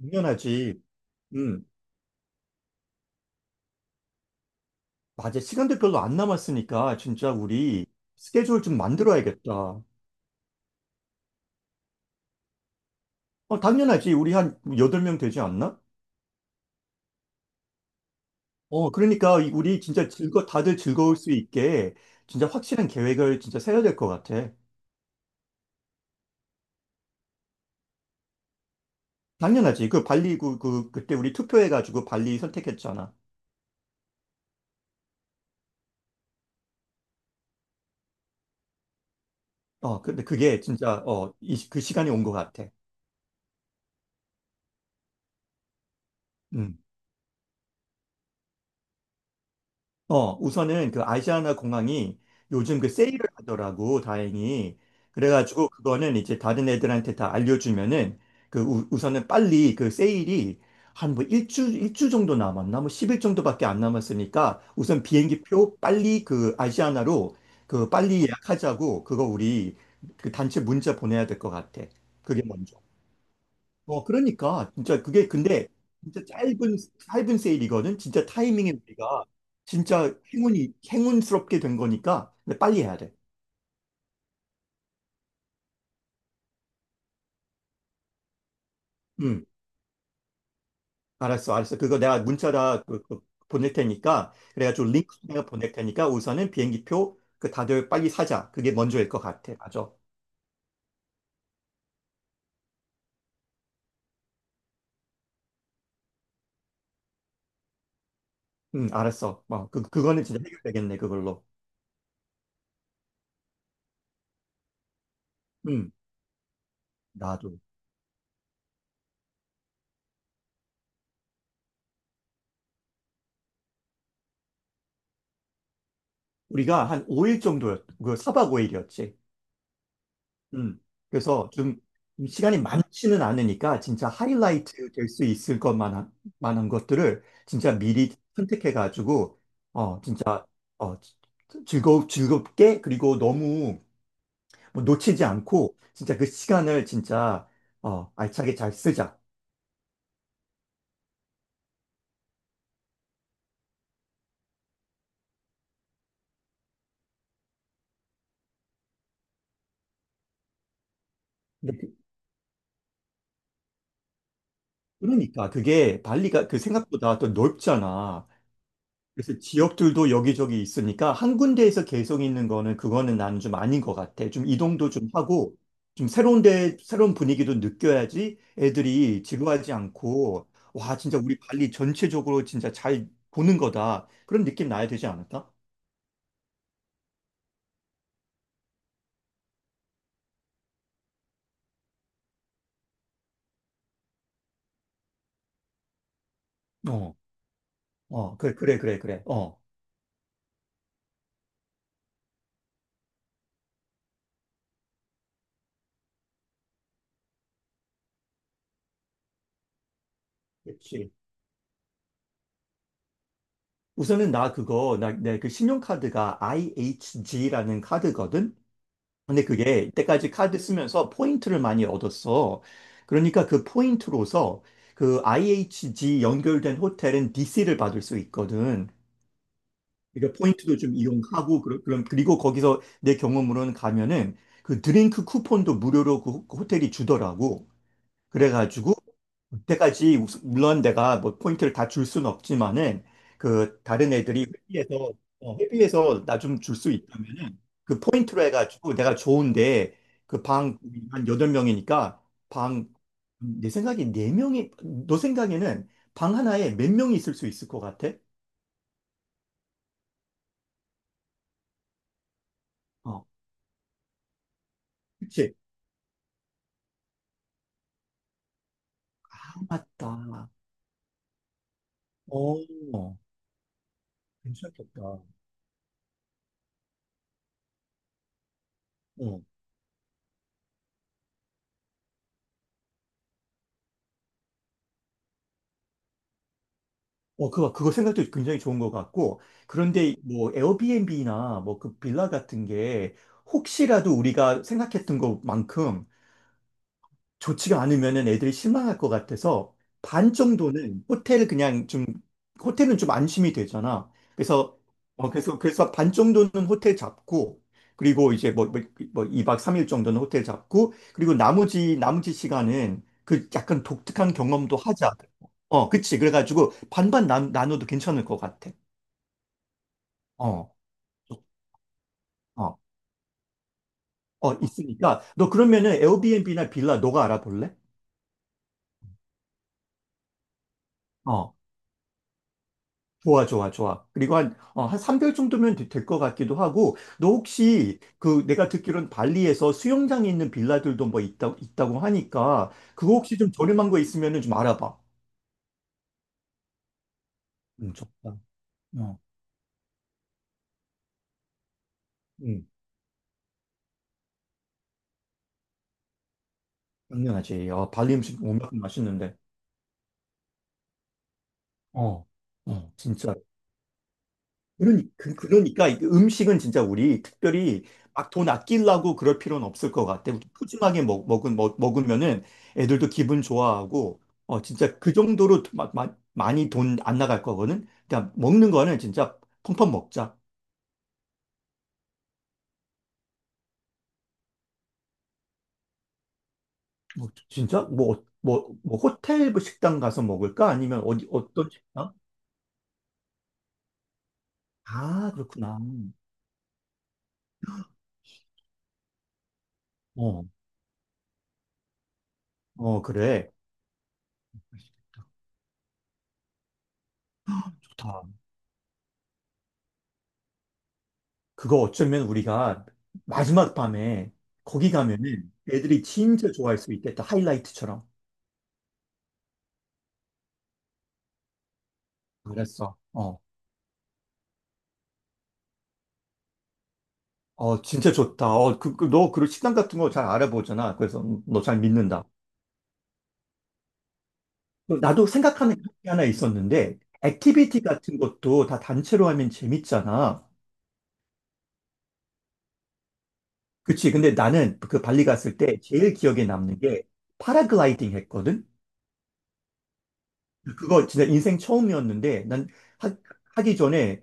당연하지. 음, 맞아. 시간도 별로 안 남았으니까 진짜 우리 스케줄 좀 만들어야겠다. 당연하지. 우리 한 8명 되지 않나? 그러니까 우리 다들 즐거울 수 있게 진짜 확실한 계획을 진짜 세워야 될 것 같아. 당연하지. 그 발리, 그때 우리 투표해가지고 발리 선택했잖아. 어, 근데 그게 진짜, 어, 이, 그 시간이 온 것 같아. 음. 어, 우선은 그 아시아나 공항이 요즘 그 세일을 하더라고, 다행히. 그래가지고 그거는 이제 다른 애들한테 다 알려주면은 그 우, 우선은 빨리 그 세일이 한 뭐 일주 정도 남았나? 뭐 10일 정도밖에 안 남았으니까 우선 비행기표 빨리 그 아시아나로 그 빨리 예약하자고 그거 우리 그 단체 문자 보내야 될 것 같아. 그게 먼저. 어, 그러니까 진짜 그게 근데 진짜 짧은 세일이거든. 진짜 타이밍에 우리가 진짜 행운이 행운스럽게 된 거니까 근데 빨리 해야 돼. 응, 알았어. 그거 내가 문자다 그 보낼 테니까 그래가지고 링크 내가 보낼 테니까 우선은 비행기표 그 다들 빨리 사자. 그게 먼저일 것 같아. 맞아. 응, 알았어. 어, 그 그거는 진짜 해결되겠네 그걸로. 응, 나도. 우리가 한 5일 정도였, 그 사박 5일이었지. 음. 그래서 좀 시간이 많지는 않으니까 진짜 하이라이트 될 수 있을 것만 한, 만한 것들을 진짜 미리 선택해 가지고 어 진짜 어 즐거 즐겁게 그리고 너무 뭐 놓치지 않고 진짜 그 시간을 진짜 어 알차게 잘 쓰자. 근데 그러니까 그게 발리가 그 생각보다 또 넓잖아. 그래서 지역들도 여기저기 있으니까 한 군데에서 계속 있는 거는 그거는 나는 좀 아닌 것 같아. 좀 이동도 좀 하고 좀 새로운 데 새로운 분위기도 느껴야지 애들이 지루하지 않고 와 진짜 우리 발리 전체적으로 진짜 잘 보는 거다 그런 느낌 나야 되지 않을까? 어, 어, 그래. 어, 그렇지. 우선은 나 그거 나 내 그 신용카드가 IHG라는 카드거든. 근데 그게 이때까지 카드 쓰면서 포인트를 많이 얻었어. 그러니까 그 포인트로서 그 IHG 연결된 호텔은 DC를 받을 수 있거든. 그러니까 포인트도 좀 이용하고 그럼 그리고 거기서 내 경험으로는 가면은 그 드링크 쿠폰도 무료로 그 호텔이 주더라고. 그래가지고 물론 내가 뭐 포인트를 다 줄 수는 없지만은 그 다른 애들이 회비에서 어, 회비에서 나 좀 줄 수 있다면은 그 포인트로 해가지고 내가 좋은데 그 방 한 여덟 명이니까 방 내 생각에 네 명이 너 생각에는 방 하나에 몇 명이 있을 수 있을 것 같아? 어, 그치? 아, 맞다. 어, 괜찮겠다. 어, 그거 생각도 굉장히 좋은 것 같고, 그런데 뭐 에어비앤비나 뭐 그 빌라 같은 게 혹시라도 우리가 생각했던 것만큼 좋지가 않으면은 애들이 실망할 것 같아서 반 정도는 호텔 그냥 좀 호텔은 좀 안심이 되잖아. 그래서 어 그래서 반 정도는 호텔 잡고 그리고 이제 뭐 이 2박 3일 정도는 호텔 잡고 그리고 나머지 시간은 그 약간 독특한 경험도 하자. 어, 그치. 그래가지고 반반 나눠도 괜찮을 것 같아. 어. 어. 어, 있으니까 너 그러면은 에어비앤비나 빌라 너가 알아볼래? 어. 좋아. 그리고 한, 어, 한 3개월 정도면 될 것 같기도 하고, 너 혹시 그 내가 듣기로는 발리에서 수영장이 있는 빌라들도 뭐 있다고 하니까, 그거 혹시 좀 저렴한 거 있으면 좀 알아봐. 좋다. 어, 음, 당연하지. 아, 발리 음식 워낙 맛있는데. 어, 어. 진짜. 그러니까 이게 음식은 진짜 우리 특별히 막 돈 아끼려고 그럴 필요는 없을 것 같아. 우리 푸짐하게 먹으면은 애들도 기분 좋아하고, 어, 진짜 그 정도로 많이 돈 안 나갈 거거든. 그냥 먹는 거는 진짜 펑펑 먹자. 뭐, 진짜? 뭐, 어, 뭐, 뭐 호텔 뭐 식당 가서 먹을까? 아니면 어디, 어떤 식당? 아, 그렇구나. 어, 어, 그래. 좋다. 그거 어쩌면 우리가 마지막 밤에 거기 가면은 애들이 진짜 좋아할 수 있겠다. 하이라이트처럼. 그랬어. 어. 어, 진짜 좋다. 어, 너, 그 식당 같은 거 잘 알아보잖아. 그래서 너잘 믿는다. 어, 나도 생각하는 게 하나 있었는데, 액티비티 같은 것도 다 단체로 하면 재밌잖아. 그치. 근데 나는 그 발리 갔을 때 제일 기억에 남는 게 파라글라이딩 했거든? 그거 진짜 인생 처음이었는데, 난 하, 하기 전에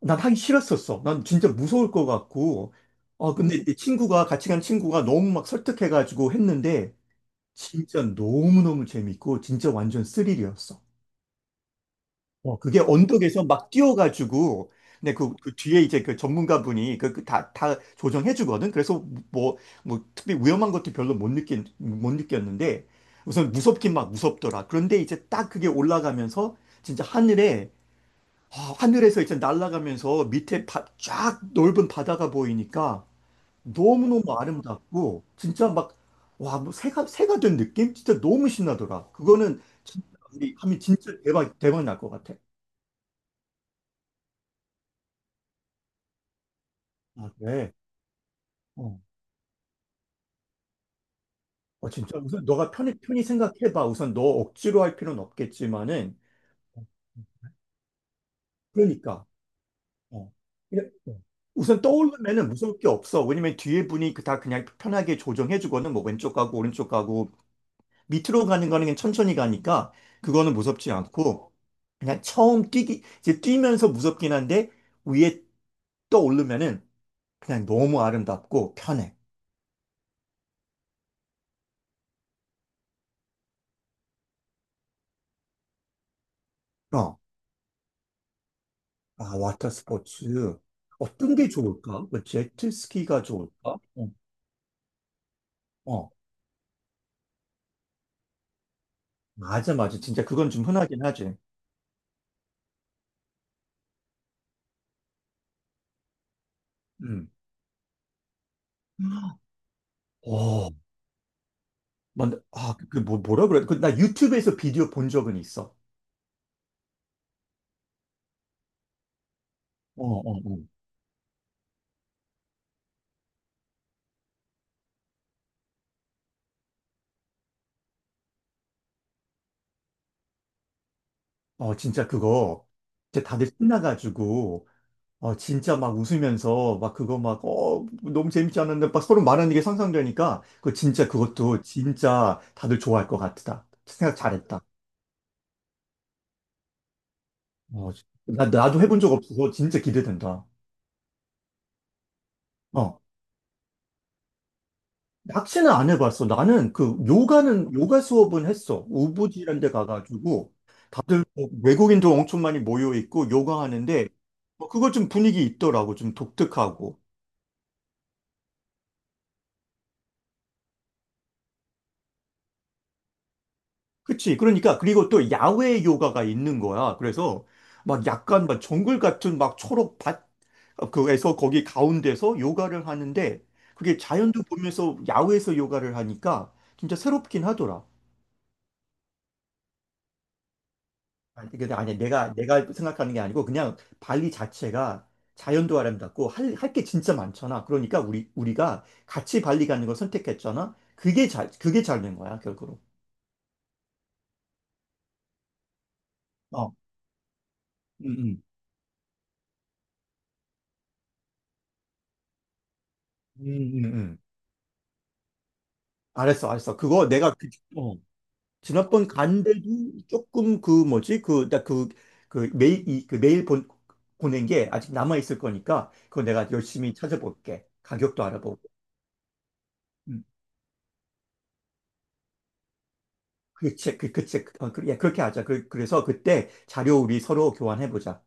난 하기 싫었었어. 난 진짜 무서울 것 같고. 어, 근데 내 친구가, 같이 간 친구가 너무 막 설득해가지고 했는데, 진짜 너무너무 재밌고, 진짜 완전 스릴이었어. 어, 그게 언덕에서 막 뛰어가지고, 근데 그 뒤에 이제 그 전문가분이 다 조정해주거든. 그래서 뭐, 특별히 위험한 것도 별로 못 느꼈는데, 우선 무섭긴 막 무섭더라. 그런데 이제 딱 그게 올라가면서, 진짜 하늘에 아, 하늘에서 이제 날아가면서 밑에 쫙 넓은 바다가 보이니까 너무너무 아름답고 진짜 막 와, 뭐 새가 된 느낌? 진짜 너무 신나더라. 그거는 진짜 우리 하면 진짜 대박 날 것 같아. 아, 그래. 어. 어, 진짜 우선 너가 편히 생각해 봐. 우선 너 억지로 할 필요는 없겠지만은 그러니까. 어. 예, 어. 우선 떠오르면은 무서울 게 없어. 왜냐면 뒤에 분이 그 다 그냥 편하게 조정해 주거든. 뭐 왼쪽 가고 오른쪽 가고 밑으로 가는 거는 그냥 천천히 가니까 그거는 무섭지 않고 그냥 처음 뛰기 이제 뛰면서 무섭긴 한데 위에 떠오르면은 그냥 너무 아름답고 편해. 어. 아, 와터 스포츠. 어떤 게 좋을까? 뭐 제트스키가 좋을까? 어. 어. 맞아. 진짜 그건 좀 흔하긴 하지. 음. 어. 뭔 아, 그 뭐라 그래? 그, 나 유튜브에서 비디오 본 적은 있어. 어, 어, 어. 어, 진짜 그거. 진짜 다들 신나가지고 어, 진짜 막 웃으면서 막 그거 막, 어, 너무 재밌지 않았는데 막 서로 말하는 게 상상되니까 그 진짜 그것도 진짜 다들 좋아할 것 같다. 생각 잘했다. 어, 나도 해본 적 없어서 진짜 기대된다. 어, 낚시는 안 해봤어. 나는 요가 수업은 했어. 우부지란 데 가가지고 다들 뭐 외국인도 엄청 많이 모여 있고 요가 하는데 뭐 그거 좀 분위기 있더라고. 좀 독특하고. 그치. 그러니까, 그리고 또 야외 요가가 있는 거야. 그래서 막 약간 막 정글 같은 막 초록 밭, 어, 그에서 거기 가운데서 요가를 하는데 그게 자연도 보면서 야외에서 요가를 하니까 진짜 새롭긴 하더라. 아니, 근데 아니, 내가, 내가 생각하는 게 아니고 그냥 발리 자체가 자연도 아름답고 할 게 진짜 많잖아. 그러니까 우리가 같이 발리 가는 걸 선택했잖아. 그게 잘 된 거야, 결국으로. 어, 음, 음, 음, 음, 음. 알았어. 그거 내가, 어. 지난번 간데도 조금 그 뭐지 그나그그 메일 이, 그 메일 본 보낸 게 아직 남아 있을 거니까 그거 내가 열심히 찾아볼게 가격도 알아보고 음, 그책 그 그책 어, 그, 예, 그렇게 하자 그래서 그때 자료 우리 서로 교환해 보자.